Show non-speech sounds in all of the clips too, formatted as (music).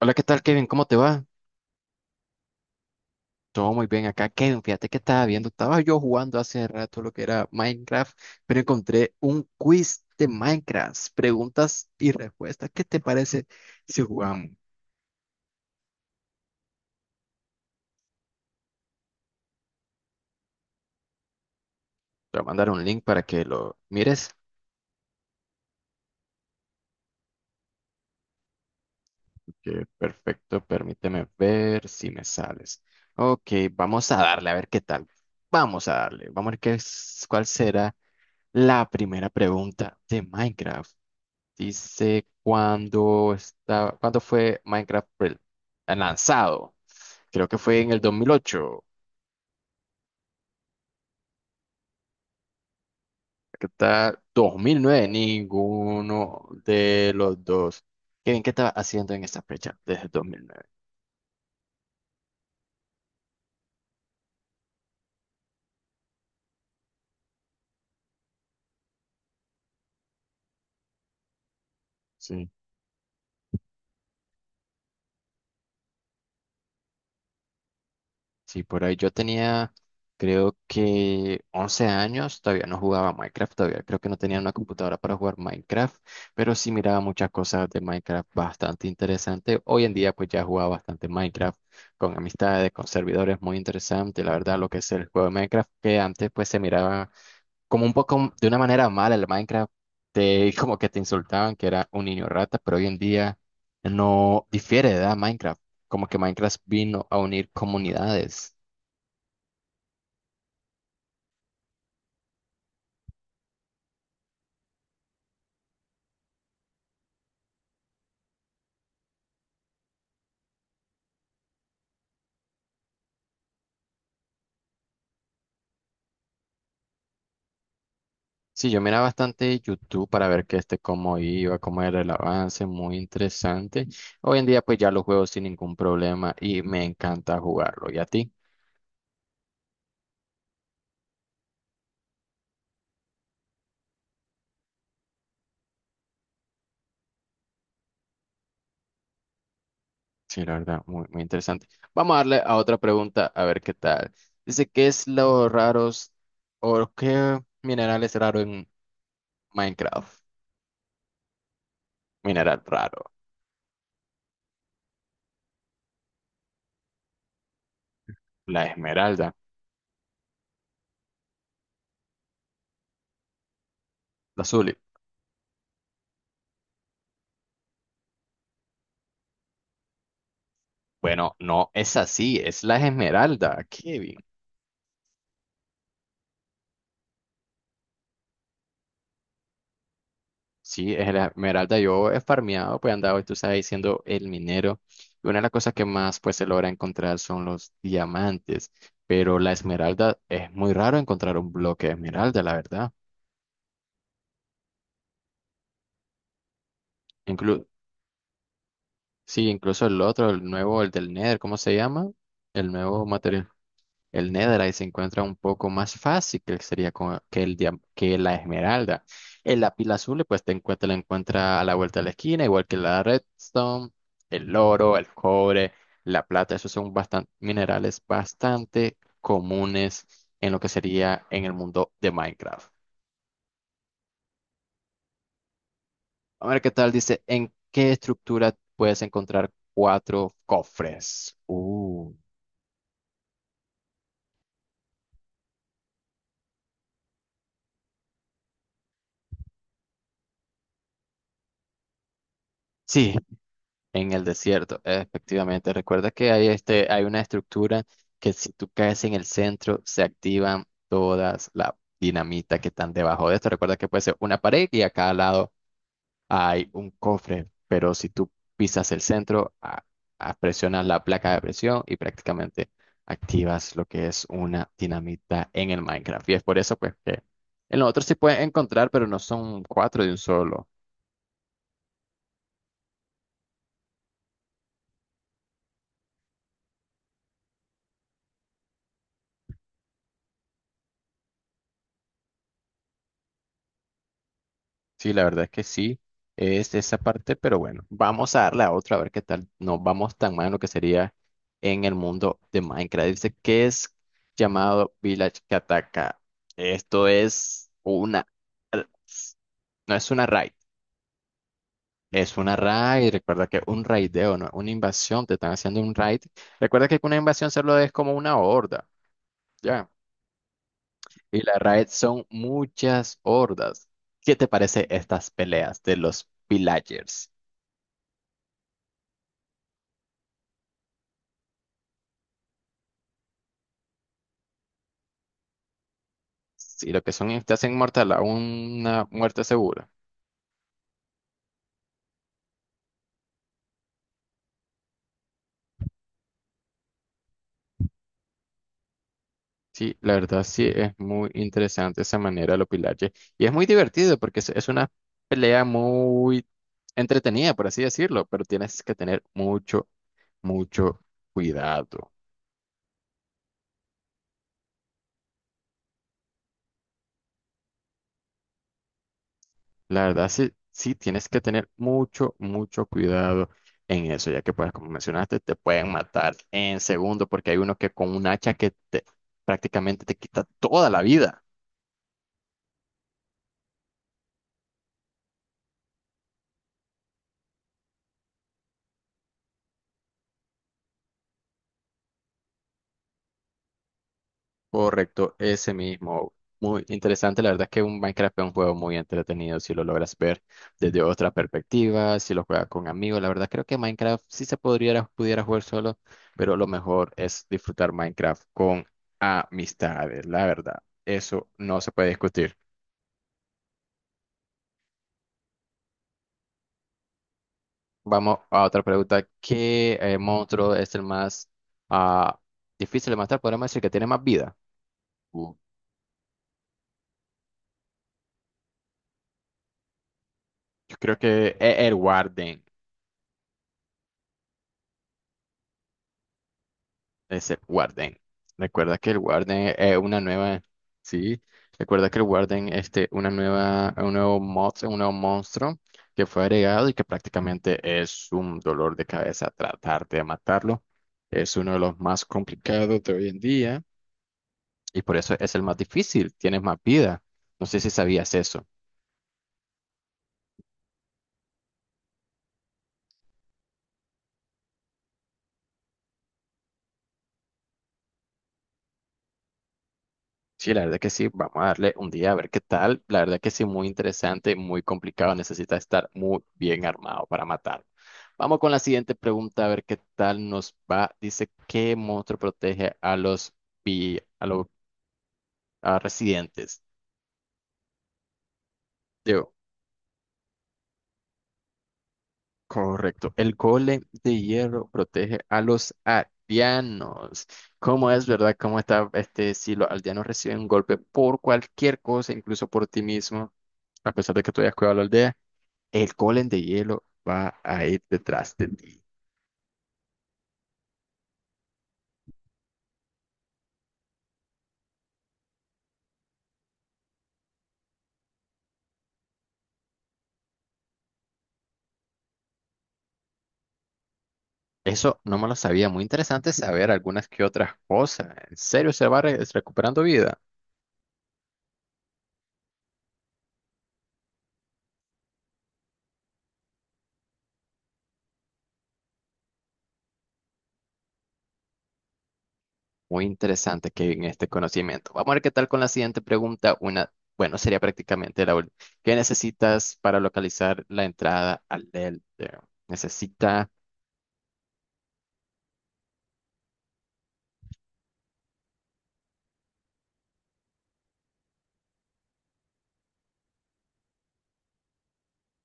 Hola, ¿qué tal, Kevin? ¿Cómo te va? Todo muy bien acá, Kevin. Fíjate que estaba yo jugando hace rato lo que era Minecraft, pero encontré un quiz de Minecraft, preguntas y respuestas. ¿Qué te parece si jugamos? Te voy a mandar un link para que lo mires. Ok, perfecto, permíteme ver si me sales. Ok, vamos a darle, a ver qué tal. Vamos a darle, vamos a ver qué es, cuál será la primera pregunta de Minecraft. Dice cuándo fue Minecraft lanzado. Creo que fue en el 2008. Aquí está 2009. Ninguno de los dos. ¿Qué estaba haciendo en esa fecha desde 2009? Sí, por ahí yo tenía, creo que 11 años, todavía no jugaba Minecraft, todavía creo que no tenía una computadora para jugar Minecraft, pero sí miraba muchas cosas de Minecraft bastante interesante. Hoy en día pues ya jugaba bastante Minecraft con amistades, con servidores, muy interesante, la verdad, lo que es el juego de Minecraft, que antes pues se miraba como un poco de una manera mala el Minecraft, (laughs) como que te insultaban que era un niño rata, pero hoy en día no difiere de edad Minecraft, como que Minecraft vino a unir comunidades. Sí, yo miraba bastante YouTube para ver que este cómo iba, cómo era el avance, muy interesante. Hoy en día pues ya lo juego sin ningún problema y me encanta jugarlo. ¿Y a ti? Sí, la verdad, muy, muy interesante. Vamos a darle a otra pregunta a ver qué tal. Dice, qué mineral es raro en Minecraft? Mineral raro, la esmeralda, la azul. Bueno, no es así, es la esmeralda, Kevin. Sí, es la esmeralda. Yo he farmeado, pues he andado, tú sabes, siendo el minero. Y una de las cosas que más pues se logra encontrar son los diamantes. Pero la esmeralda es muy raro encontrar un bloque de esmeralda, la verdad. Inclu- sí, incluso el otro, el nuevo, el del Nether, ¿cómo se llama? El nuevo material. El Netherite se encuentra un poco más fácil que sería co- que, el, dia- que la esmeralda. El lápiz azul, pues te encuentra, la encuentra a la vuelta de la esquina, igual que la redstone, el oro, el cobre, la plata. Esos son bastante, minerales bastante comunes en lo que sería en el mundo de Minecraft. A ver qué tal, dice, ¿en qué estructura puedes encontrar cuatro cofres? Sí, en el desierto, efectivamente. Recuerda que hay este, hay una estructura que si tú caes en el centro, se activan todas las dinamitas que están debajo de esto. Recuerda que puede ser una pared y a cada lado hay un cofre, pero si tú pisas el centro, presionas la placa de presión y prácticamente activas lo que es una dinamita en el Minecraft. Y es por eso pues que en los otros sí puedes encontrar, pero no son cuatro de un solo. Sí, la verdad es que sí, es esa parte, pero bueno, vamos a darle a otra a ver qué tal. No vamos tan mal en lo que sería en el mundo de Minecraft. Dice que es llamado Village Kataka. Esto es una. No es una raid, es una raid. Recuerda que un raideo, no es una invasión, te están haciendo un raid. Recuerda que una invasión solo es como una horda, ¿ya? Y la raid son muchas hordas. ¿Qué te parece estas peleas de los villagers? Sí, lo que son es te hacen mortal a una muerte segura. Sí, la verdad sí es muy interesante esa manera de los pilaches. Y es muy divertido porque es una pelea muy entretenida, por así decirlo, pero tienes que tener mucho, mucho cuidado. La verdad sí, sí tienes que tener mucho, mucho cuidado en eso, ya que pues como mencionaste, te pueden matar en segundo porque hay uno que con un hacha que prácticamente te quita toda la vida. Correcto, ese mismo. Muy interesante, la verdad es que un Minecraft es un juego muy entretenido si lo logras ver desde otra perspectiva, si lo juegas con amigos, la verdad creo que Minecraft sí se podría, pudiera jugar solo, pero lo mejor es disfrutar Minecraft con amistades, la verdad, eso no se puede discutir. Vamos a otra pregunta, ¿qué monstruo es el más ah, difícil de matar? Podríamos decir que tiene más vida. Uh, yo creo que es el Warden. Es el Warden. Recuerda que el Warden es una nueva. Sí. Recuerda que el Warden este, una nueva, un nuevo mod, un nuevo monstruo que fue agregado y que prácticamente es un dolor de cabeza tratar de matarlo. Es uno de los más complicados de hoy en día y por eso es el más difícil. Tienes más vida. No sé si sabías eso. Sí, la verdad que sí, vamos a darle un día a ver qué tal. La verdad que sí, muy interesante, muy complicado, necesita estar muy bien armado para matar. Vamos con la siguiente pregunta, a ver qué tal nos va. Dice, ¿qué monstruo protege a los, vi- a los a residentes? Digo, correcto. El golem de hierro protege a los aldeanos. ¿Cómo es, verdad? ¿Cómo está este? Si los aldeanos reciben un golpe por cualquier cosa, incluso por ti mismo, a pesar de que tú hayas cuidado la aldea, el golem de hielo va a ir detrás de ti. Eso no me lo sabía. Muy interesante saber algunas que otras cosas. ¿En serio se va recuperando vida? Muy interesante que en este conocimiento. Vamos a ver qué tal con la siguiente pregunta. Una, bueno, sería prácticamente la última. ¿Qué necesitas para localizar la entrada al Ender? Necesita,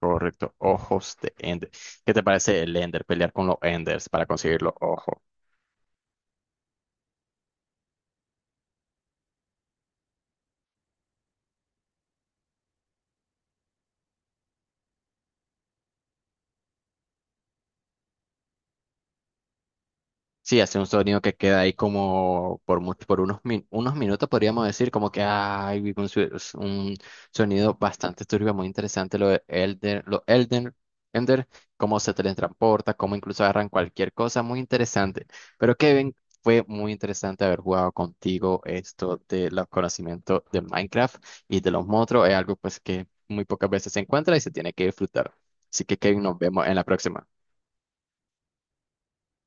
correcto, ojos de Ender. ¿Qué te parece el Ender? Pelear con los Enders para conseguir los ojos. Sí, hace un sonido que queda ahí como por mucho, por unos minutos podríamos decir, como que es un sonido bastante turbio, muy interesante lo de Elden, lo Elden, Ender, cómo se teletransporta, cómo incluso agarran cualquier cosa, muy interesante. Pero Kevin, fue muy interesante haber jugado contigo esto de los conocimientos de Minecraft y de los monstruos, es algo pues que muy pocas veces se encuentra y se tiene que disfrutar. Así que Kevin, nos vemos en la próxima.